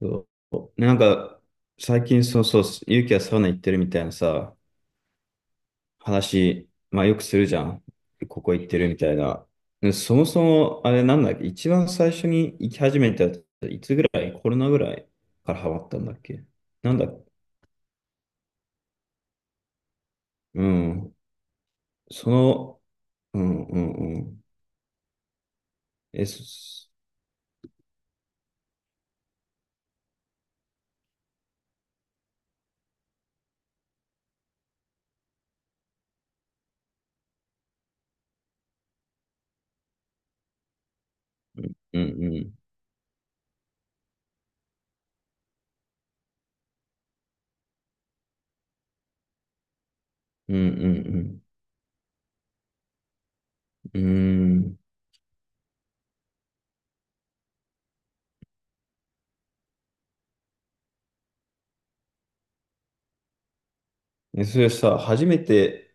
そう、なんか最近、そうそう、ゆうきはサウナ行ってるみたいなさ、話、まあよくするじゃん。ここ行ってるみたいな。で、そもそもあれなんだっけ、一番最初に行き始めたやつ、いつぐらい、コロナぐらいからハマったんだっけ。なんだ、うん、その、うんうんうん。え、そうんうん、うんうんうん。え、それさ、初めて、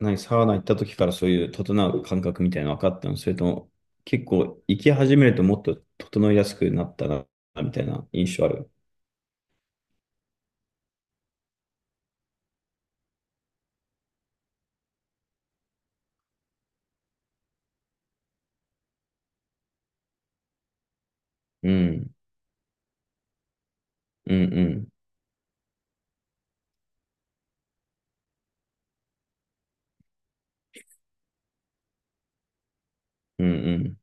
何、サウナ行った時からそういう整う感覚みたいなの分かったの、それとも、結構行き始めるともっと整いやすくなったな、みたいな印象ある。うん、うん、うん、うん、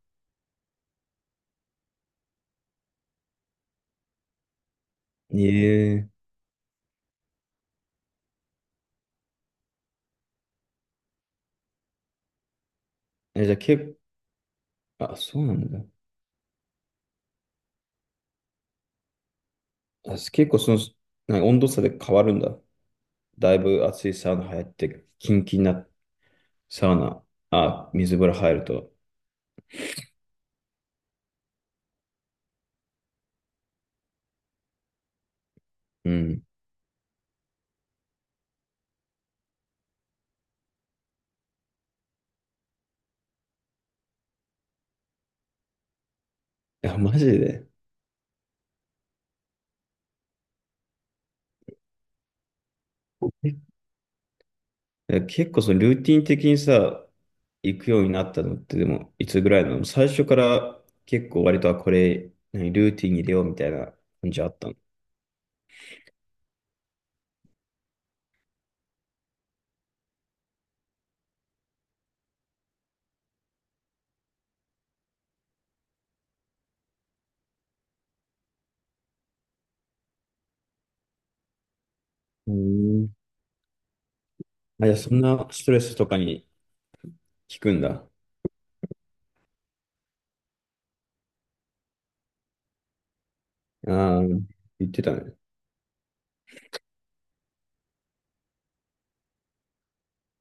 うん。えええ、じゃあ結構、あ、そうなんだ。あ、結構何、温度差で変わるんだ。だいぶ暑いサウナ入って、キンキンなサウナ、あ、水風呂入ると。うん。あ、マジで。え、結構そのルーティン的にさ、行くようになったのってでも、いつぐらいなの。最初から結構割とは、これ何、ルーティンに入れようみたいな感じあったの。うん。あ、いや、そんなストレスとかに効くんだ。ああ、言ってたね。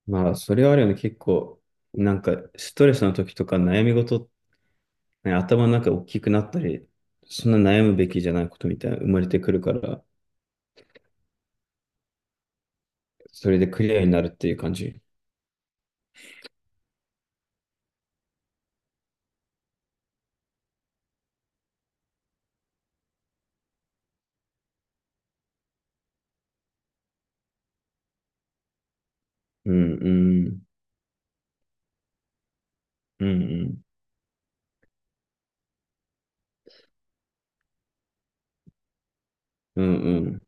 まあ、それはあるよね。結構、なんか、ストレスの時とか悩み事、ね、頭の中大きくなったり、そんな悩むべきじゃないことみたいな生まれてくるから、それでクリアになるっていう感じ。うん、うん、うん、うん。うんうん。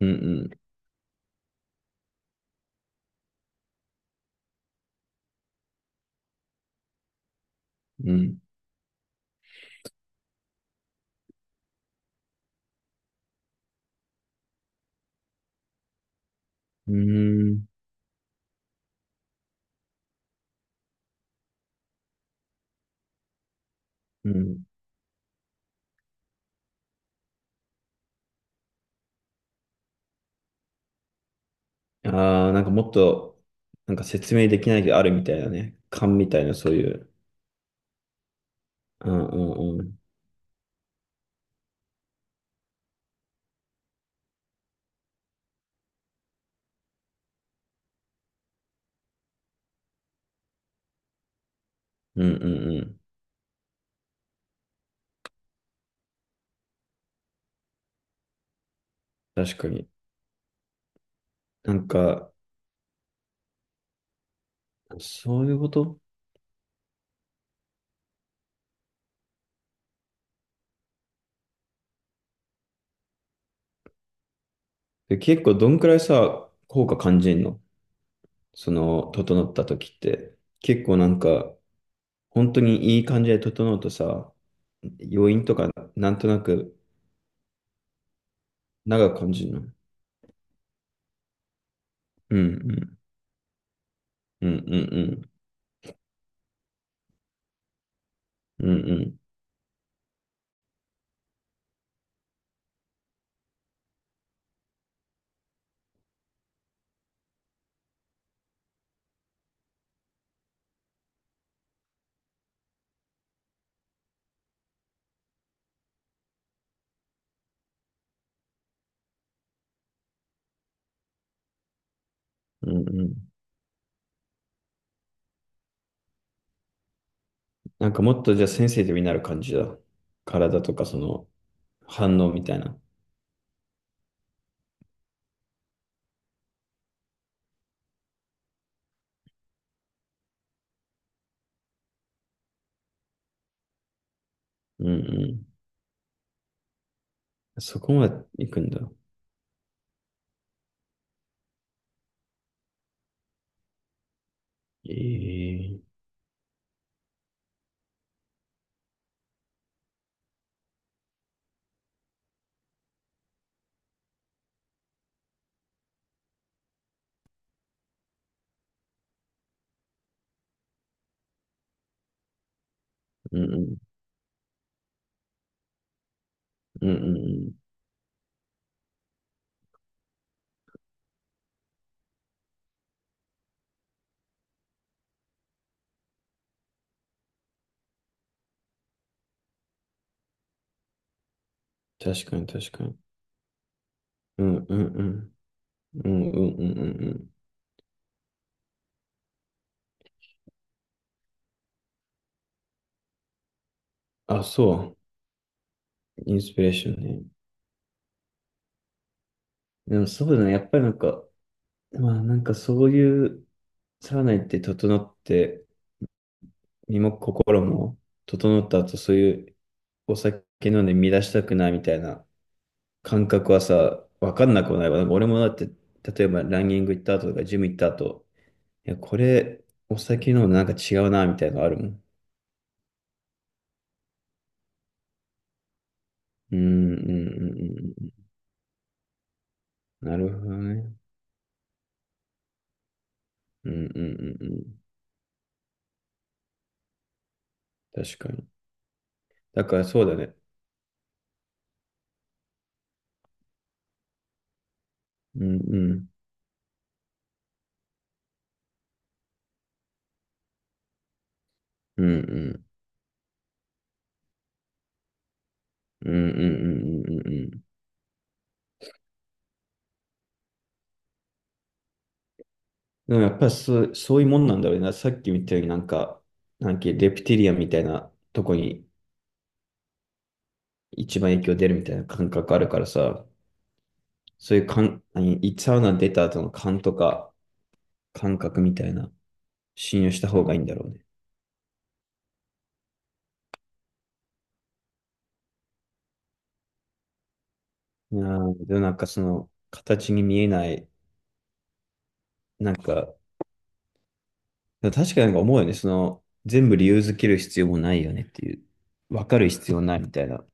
うんうん。うん。うーん。うん。ああ、なんかもっと、なんか説明できないけどあるみたいなね。勘みたいな、そういう。うんうんうん。うんうんうん。確かに。なんか、そういうことで。結構どんくらいさ、効果感じんの、その整った時って。結構なんか、本当にいい感じで整うとさ、余韻とかなんとなく長く感じるの。うんうん。うんうんうん。うんうん。うんうん。なんかもっとじゃあセンシティブになる感じだ。体とかその反応みたいな。うんうん。そこまで行くんだ。ええ、うんうん。うんうんうん。確かに。うんうんうん。うんうんうんうんうん。あ、そう。インスピレーションね。でもそうだね。やっぱりなんか、まあなんかそういうサウナ行って整って、身も心も整った後、そういうお酒飲んで乱したくないみたいな感覚はさ、わかんなくもないわ。なんか俺もだって、例えばランニング行った後とか、ジム行った後、いや、これお酒飲むのなんか違うな、みたいなのあるもん。うん、うん、うん、うん。うん、なるほどね。うん、うん、うん、うん。確かに。だからそうだね。うん、うん、うん、うん、うん、うん、うん、うん。うん。でもやっぱりそう、そういうもんなんだろうな。さっき見たようになんか、なんかレプティリアンみたいなとこに一番影響出るみたいな感覚あるからさ。そういう感、何、サウナ出た後の感とか感覚みたいな、信用した方がいいんだろうね。いやー、でもなんか形に見えない、なんか、でも確かになんか思うよね。その、全部理由づける必要もないよねっていう、わかる必要ないみたいな、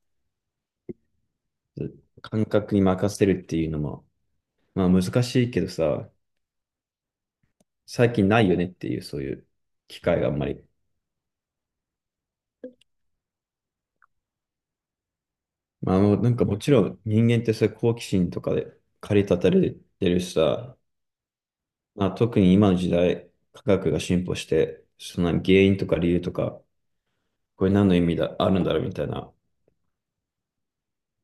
感覚に任せるっていうのも、まあ難しいけどさ、最近ないよねっていう、そういう機会があんまり。まあ、なんかもちろん人間ってそういう好奇心とかで駆り立たれてるしさ、まあ、特に今の時代、科学が進歩して、その原因とか理由とか、これ何の意味だ、あるんだろうみたいな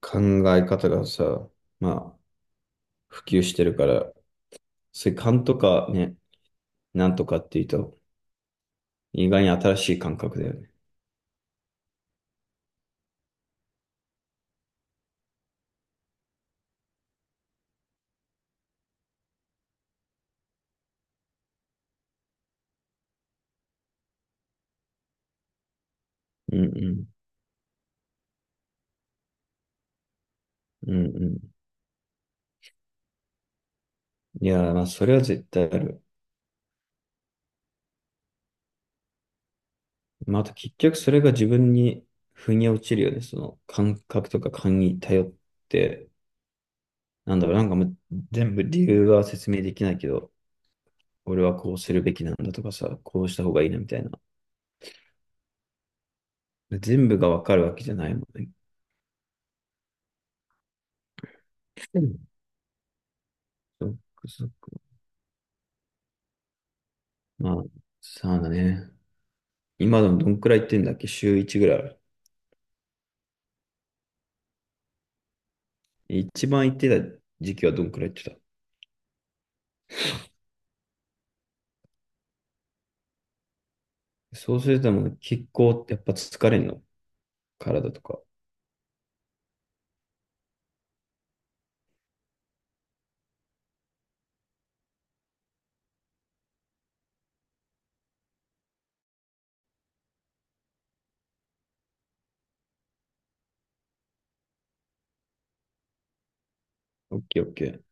考え方がさ、まあ、普及してるから、そういう勘とかね、なんとかっていうと、意外に新しい感覚だよね。うんうん。うんうん。いやー、まあ、それは絶対ある。まあ、あと結局それが自分に腑に落ちるよね。その感覚とか勘に頼って、なんだろう、なんかもう全部理由は説明できないけど、俺はこうするべきなんだとかさ、こうした方がいいな、みたいな。全部がわかるわけじゃないもんね。うん、そっかそっか。まあ、さあだね。今でもどんくらい行ってんだっけ、週1ぐらいある。一番行ってた時期はどんくらい行ってた。そうするともう結構やっぱ疲れんの、体とか。オッケーオッケー。